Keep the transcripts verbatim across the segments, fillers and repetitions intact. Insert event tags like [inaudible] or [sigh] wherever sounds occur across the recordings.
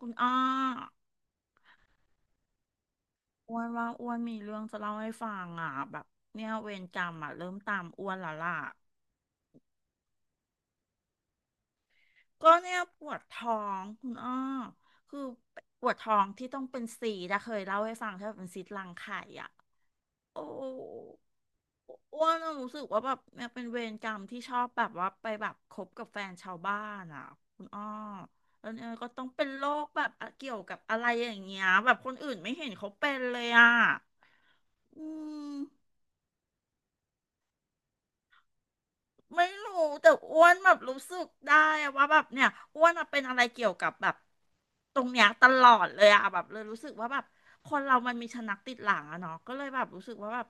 คุณอ้ออ้วนว่าอ้วนมีเรื่องจะเล่าให้ฟังอ่ะแบบเนี่ยเวรกรรมอ่ะเริ่มตามอ้วนแล้วล่ะก็เนี่ยปวดท้องคุณอ้อคือปวดท้องที่ต้องเป็นสีนะเคยเล่าให้ฟังใช่ไหมเป็นซีสต์รังไข่อ่ะโอ้อ้วนอะรู้สึกว่าแบบเนี่ยเป็นเวรกรรมที่ชอบแบบว่าไปแบบคบกับแฟนชาวบ้านอ่ะคุณอ้อแล้วเนี่ยก็ต้องเป็นโรคแบบอะเกี่ยวกับอะไรอย่างเงี้ยแบบคนอื่นไม่เห็นเขาเป็นเลยอ่ะอืม ไม่รู้แต่อ้วนแบบรู้สึกได้อะว่าแบบเนี่ยอ้วนอะเป็นอะไรเกี่ยวกับแบบตรงเนี้ยตลอดเลยอะแบบเลยรู้สึกว่าแบบคนเรามันมีชะนักติดหลังอะเนาะก็เลยแบบรู้สึกว่าแบบ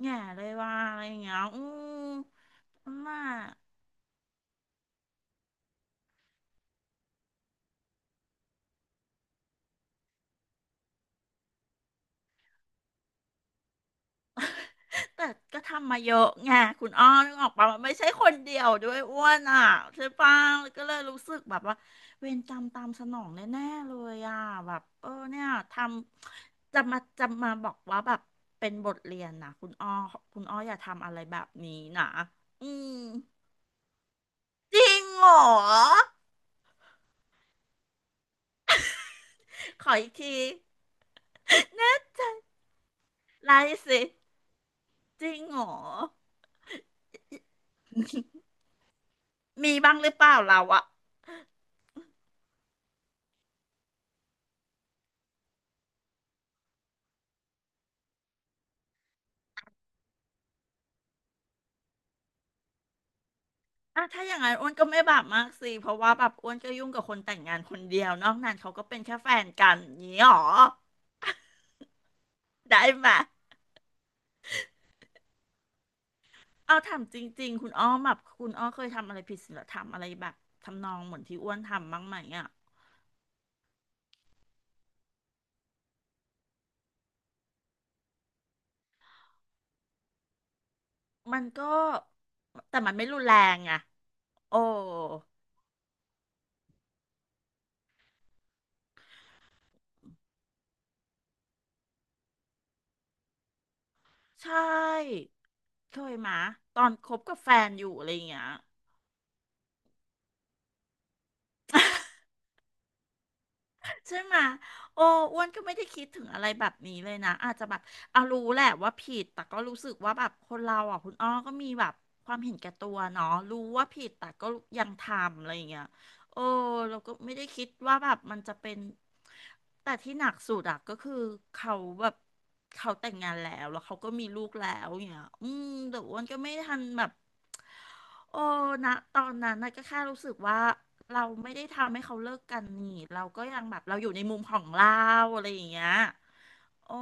แง่เลยว่าอะไรอย่างเงี้ยอืมน่า แต่ก็ทำมาเยอะไงคุณอ้อนึกออกปะมันไม่ใช่คนเดียวด้วยอ้วนอ่ะใช่ปะก็เลยรู้สึกแบบว่าเวรกรรมตามสนองแน่ๆเลยอ่ะแบบเออเนี่ยทำจะมาจะมาบอกว่าแบบเป็นบทเรียนนะคุณอ้อคุณอ้ออย่าทำอะไรแบบนี้นะอืมจริงเหรอขออีกทีไล่สิจริงเหรอมีบ้างหรือเปล่าเราอะ อ่ะถ้าอย่างนั้นอ้วนก็ไม่บาปมากสิเพราะว่าแบบอ้วนก็ยุ่งกับคนแต่งงานคนเดียวนอกนั้นเขาก็เป็นแค่แฟนกันอย่างนี้หรอได้ไหมเอาถามจริงๆคุณอ้อมแบบคุณอ้อเคยทำอะไรผิดศีลธรรมอะไรแบบทำนองเหมือนที่อ้วนทำบ้างไหมอ่ะมันก็แต่มันไม่รุนแรงไงโอ้ใช่เคยมาตอนคบกับแฟนอยู่อะไรอย่างเงี้ย ใช่ไหมโอ้อ้วนก็ไม่ได้คิดถึงอะไรแบบนี้เลยนะอาจจะแบบเอารู้แหละว่าผิดแต่ก็รู้สึกว่าแบบคนเราอ่ะคุณอ้อก็มีแบบความเห็นแก่ตัวเนาะรู้ว่าผิดแต่ก็ยังทำอะไรอย่างเงี้ยโอ้เราก็ไม่ได้คิดว่าแบบมันจะเป็นแต่ที่หนักสุดอะก็คือเขาแบบเขาแต่งงานแล้วแล้วเขาก็มีลูกแล้วอย่างเงี้ยอืมแต่อ้วนก็ไม่ทันแบบ โอ้นะตอนนั้นนะก็แค่รู้สึกว่าเราไม่ได้ทำให้เขาเลิกกันนี่เราก็ยังแบบเราอยู่ในมุมของเราอะไรอย่างเงี้ยโอ้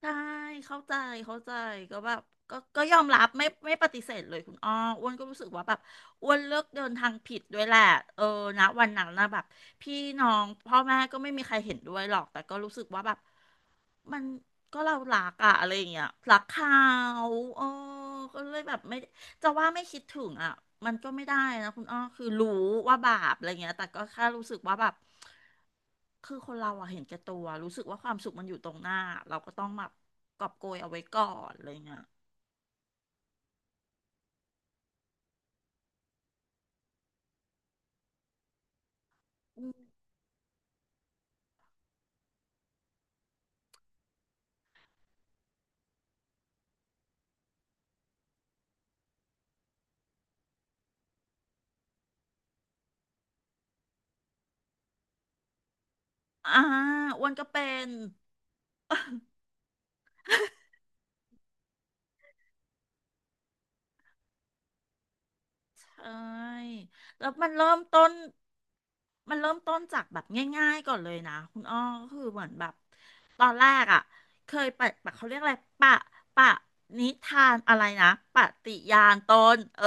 ใช่เข้าใจเข้าใจก็แบบก็ก็ยอมรับไม่ไม่ปฏิเสธเลยคุณอ้ออ้วนก็รู้สึกว่าแบบอ้วนเลือกเดินทางผิดด้วยแหละเออนะวันนั้นนะแบบพี่น้องพ่อแม่ก็ไม่มีใครเห็นด้วยหรอกแต่ก็รู้สึกว่าแบบมันก็เรารักอะอะไรอย่างเงี้ยรักเขาเออก็เลยแบบไม่ จะว่าไม่คิดถึงอ่ะมันก็ไม่ได้นะคุณอ้อคือรู้ว่าบาปอะไรเงี้ยแต่ก็แค่รู้สึกว่าแบบคือคนเราอะเห็นแก่ตัวรู้สึกว่าความสุขมันอยู่ตรงหน้าเราก็ต้องแบบกอบโกยเอาไว้ก่อนอะไรเงี้ยอ่าอ้วนก็เป็น เอ้ยแล้วมันเริ่มต้นมันเริ่มต้นจากแบบง่ายๆก่อนเลยนะคุณอ้อก็คือเหมือนแบบตอนแรกอ่ะเคยปะปะเขาเรียกอะไรปะปะนิทานอะไรนะปฏิญาณตนเออ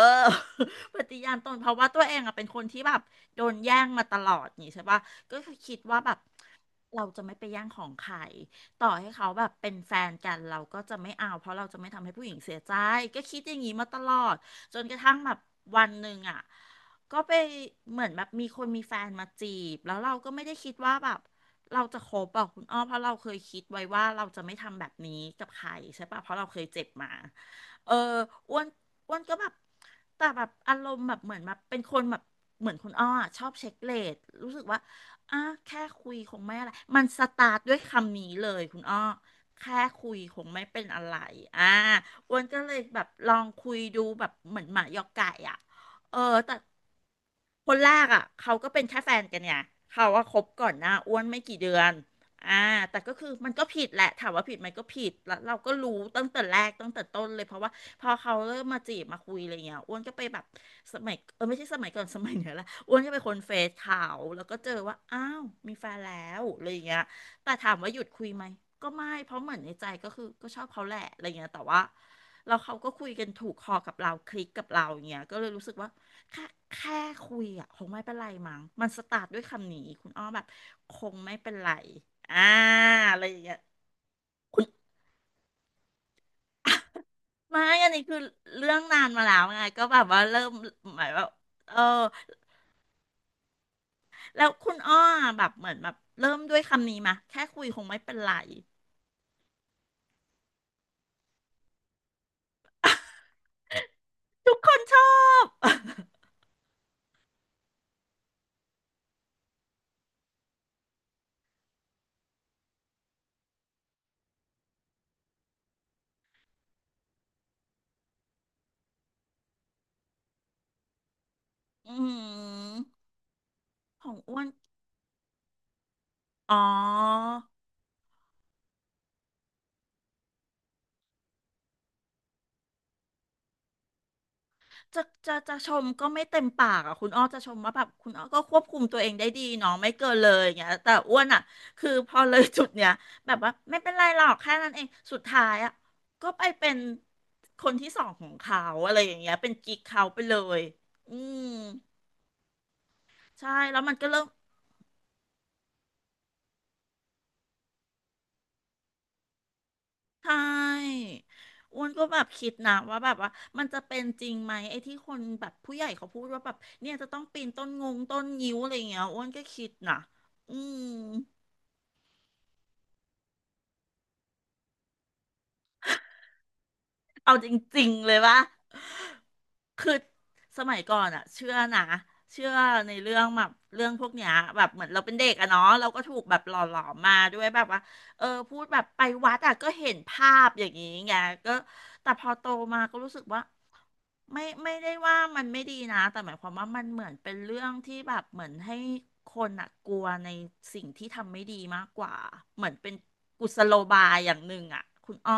[laughs] ปฏิญาณตนเพราะว่าตัวเองอ่ะเป็นคนที่แบบโดนแย่งมาตลอดนี่ใช่ปะก็คือคิดว่าแบบเราจะไม่ไปแย่งของใคร ต่อให้เขาแบบเป็นแฟนกันเราก็จะไม่เอาเพราะเราจะไม่ทำให้ผู้หญิงเสียใจก็คิดอย่างนี้มาตลอดจนกระทั่งแบบวันหนึ่งอ่ะก็ไปเหมือนแบบมีคนมีแฟนมาจีบแล้วเราก็ไม่ได้คิดว่าแบบเราจะคบอ่ะคุณอ้อเพราะเราเคยคิดไว้ว่าเราจะไม่ทำแบบนี้กับใครใช่ปะเพราะเราเคยเจ็บมาเอออ้วนอ้วนก็แบบแต่แบบอารมณ์แบบเหมือนแบบเป็นคนแบบเหมือนคุณอ้ออะชอบเช็คเรทรู้สึกว่า อ่ะแค่คุยคงไม่อะไรมันสตาร์ทด้วยคำนี้เลยคุณอ้อแค่คุยคงไม่เป็นอะไรอ่าอ้วนก็เลยแบบลองคุยดูแบบเหมือนหมายอกไก่อ่ะเออแต่ คนแรกอ่ะเขาก็เป็นแค่แฟนกันไงเขาว่าคบก่อนหน้าอ้วนไม่กี่เดือนอ่าแต่ก็คือมันก็ผิดแหละถามว่าผิดไหมก็ผิดแล้วเราก็รู้ตั้งแต่แรกตั้งแต่ต้นเลยเพราะว่าพอเขาเริ่มมาจีบมาคุยอะไรเงี้ยอ้วนก็ไปแบบสมัยเออไม่ใช่สมัยก่อนสมัยเนี้ยแหละอ้วนก็ไปคนเฟซเขาแล้วก็เจอว่าอ้าวมีแฟนแล้วอะไรเงี้ยแต่ถามว่าหยุดคุยไหมก็ไม่เพราะเหมือนในใจก็คือก็ชอบเขาแหละอะไรเงี้ยแต่ว่าเราเขาก็คุยกันถูกคอกับเราคลิกกับเราอย่างเงี้ยก็เลยรู้สึกว่า แค่แค่คุยอ่ะคงไม่เป็นไรมั้งมันสตาร์ทด้วยคำนี้คุณอ้อแบบคงไม่เป็นไรอ่าอะไรอย่างเงี้ยคุณไม่อันนี้คือเรื่องนานมาแล้วไงก็แบบว่าเริ่มหมายว่าเออแล้วคุณอ้อแบบเหมือนแบบเริ่มด้วยคำนี้มาแค่คุยคงไม่เป็นไรทุกคนชอบ [laughs] อืมของอ้วนอ๋อ จะจะจะชมก็ไม่เต็มปากอ่ะคุณอ้อจะชมว่าแบบคุณอ้อก็ควบคุมตัวเองได้ดีเนาะไม่เกินเลยอย่างเงี้ยแต่อ้วนอ่ะคือพอเลยจุดเนี้ยแบบว่าไม่เป็นไรหรอกแค่นั้นเองสุดท้ายอ่ะก็ไปเป็นคนที่สองของเขาอะไรอย่างเงี้ยเป็นกิ๊กเขาไปเลยอืมใช่แล้วมันก็เริ่มใช่อ้วนก็แบบคิดนะว่าแบบว่ามันจะเป็นจริงไหมไอ้ที่คนแบบผู้ใหญ่เขาพูดว่าแบบเนี่ยจะต้องปีนต้นงงต้นงิ้วอะไรอย่างเงี้ยอ้วนก็คิดนะอืม เอาจริงๆเลยว่าคือสมัยก่อนอะเชื่อนะเชื่อในเรื่องแบบเรื่องพวกเนี้ยแบบเหมือนเราเป็นเด็กอะเนาะเราก็ถูกแบบหล่อหลอมมาด้วยแบบว่าเออพูดแบบไปวัดอะก็เห็นภาพอย่างนี้ไงก็แต่พอโตมาก็รู้สึกว่าไม่ไม่ได้ว่ามันไม่ดีนะแต่หมายความว่ามันเหมือนเป็นเรื่องที่แบบเหมือนให้คนอะกลัวในสิ่งที่ทำไม่ดีมากกว่าเหมือนเป็นกุศโลบายอย่างหนึ่งอะคุณอ้อ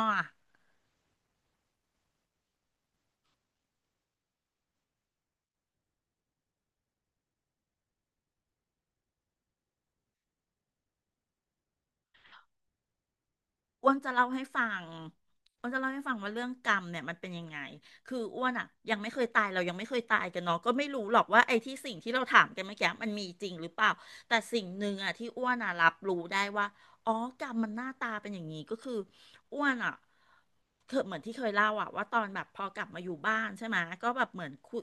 อ้วนจะเล่าให้ฟังอ้วนจะเล่าให้ฟังว่าเรื่องกรรมเนี่ยมันเป็นยังไงคืออ้วนอ่ะยังไม่เคยตายเรายังไม่เคยตายกันเนาะก็ไม่รู้หรอกว่าไอ้ที่สิ่งที่เราถามกันเมื่อกี้มันมีจริงหรือเปล่า แต่สิ่งหนึ่งอ่ะที่อ้วนอ่ะรับรู้ได้ว่าอ๋อกรรมมันหน้าตาเป็นอย่างนี้ก็คืออ้วนอ่ะเคยเหมือนที่เคยเล่าอ่ะว่าตอนแบบพอกลับมาอยู่บ้านใช่ไหมก็แบบเหมือนคุย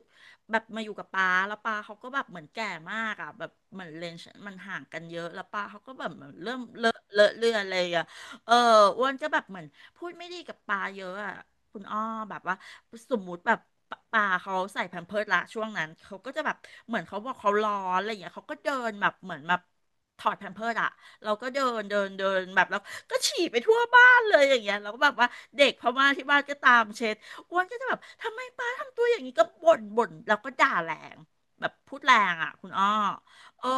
แบบมาอยู่กับป้าแล้วป้าเขาก็แบบเหมือนแก่มากอ่ะแบบเหมือนเลนส์มันห่างกันเยอะแล้วป้าเขาก็แบบเหมือนเริ่มเลอะเลอะเลือนเลยอ่ะ เอออ้วนก็แบบเหมือนพูดไม่ดีกับปลาเยอะอะคุณอ้อแบบว่าสมมุติแบบปปลาเขาใส่แพมเพิร์สละช่วงนั้นเขาก็จะแบบเหมือนเขาบอกเขาร้อนอะไรอย่างเงี้ยเขาก็เดินแบบเหมือนแบบถอดแพมเพิร์สอะเราก็เดินเดินเดินแบบแล้วก็ฉี่ไปทั่วบ้านเลยอย่างเงี้ยเราก็แบบว่าเด็กพม่าที่บ้านก็ตามเช็ดอ้วนก็จะแบบทำไมปลาทำตัวอย่างนี้ก็บ่นบ่นแล้วก็ด่าแรงแบบพูดแรงอะคุณอ้อ เออ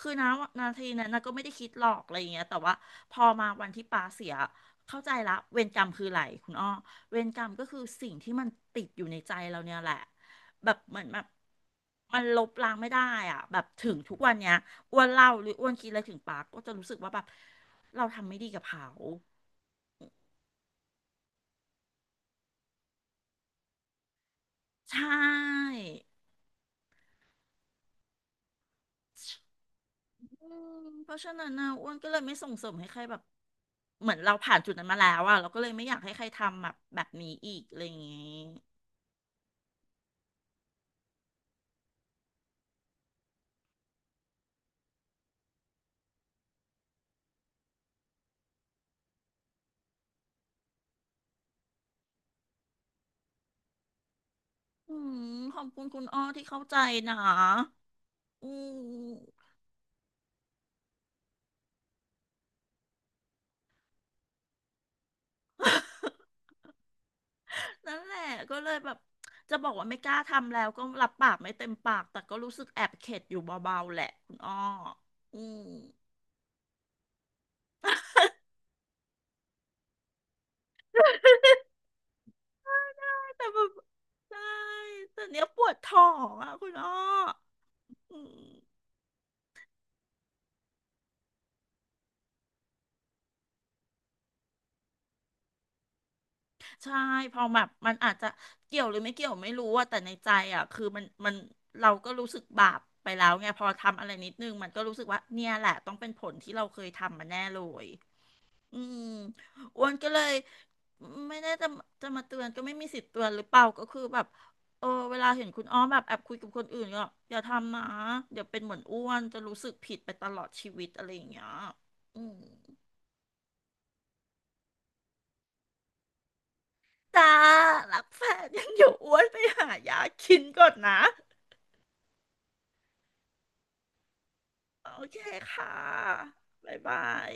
คือนะนาทีนั้นนะก็ไม่ได้คิดหรอกอะไรอย่างเงี้ยแต่ว่าพอมาวันที่ปาเสียเข้าใจละเวรกรรมคืออะไรคุณอ้อเวรกรรมก็คือสิ่งที่มันติดอยู่ในใจเราเนี่ยแหละแบบเหมือนแบบมันลบล้างไม่ได้อ่ะแบบถึงทุกวันเนี้ยอ้วนเล่าหรืออ้วนคิดอะไรถึงปาก็จะรู้สึกว่าแบบเราทำไม่ดีกับเขาใช่อืมเพราะฉะนั้นนะอ้วนก็เลยไม่ส่งเสริมให้ใครแบบเหมือนเราผ่านจุดนั้นมาแล้วอะเราก็เลยไม่อยากให้ใครทำแบบแบบนี้อีกอะไรอย่างงี้ อืมขอบคุณคุณอ้อที่เข้าใจนะอืม [laughs] นั่นแหละก็เลยแบบจะบอกว่าไม่กล้าทำแล้วก็รับปากไม่เต็มปากแต่ก็รู้สึกแอบเข็ดอยู่เบาๆแหละคุณอ้ออืมแต่แบบใช่แต่เนี้ยปวดท้องอ่ะคุณอ้ออืมใช่พอแบบมันอาจจะเกี่ยวหรือไม่เกี่ยวไม่รู้ว่าแต่ในใจอ่ะคือมันมันเราก็รู้สึกบาปไปแล้วไงพอทำอะไรนิดนึงมันก็รู้สึกว่าเนี่ยแหละต้องเป็นผลที่เราเคยทำมาแน่เลย อืมอ้วนก็เลยไม่ได้จะจะมาเตือนก็ไม่มีสิทธิ์เตือนหรือเปล่าก็คือแบบเออเวลาเห็นคุณอ้อมแบบแอบคุยกับคนอื่นก็อย่าทำนะเดี๋ยวเป็นเหมือนอ้วนจะรู้สึกผิดไปตลอดชีวิตอะไรอย่างเงี้ยอืมจ้ารักแฟนยังอยู่อ้วนไปหายากินก่อนนะโอเคค่ะบ๊ายบาย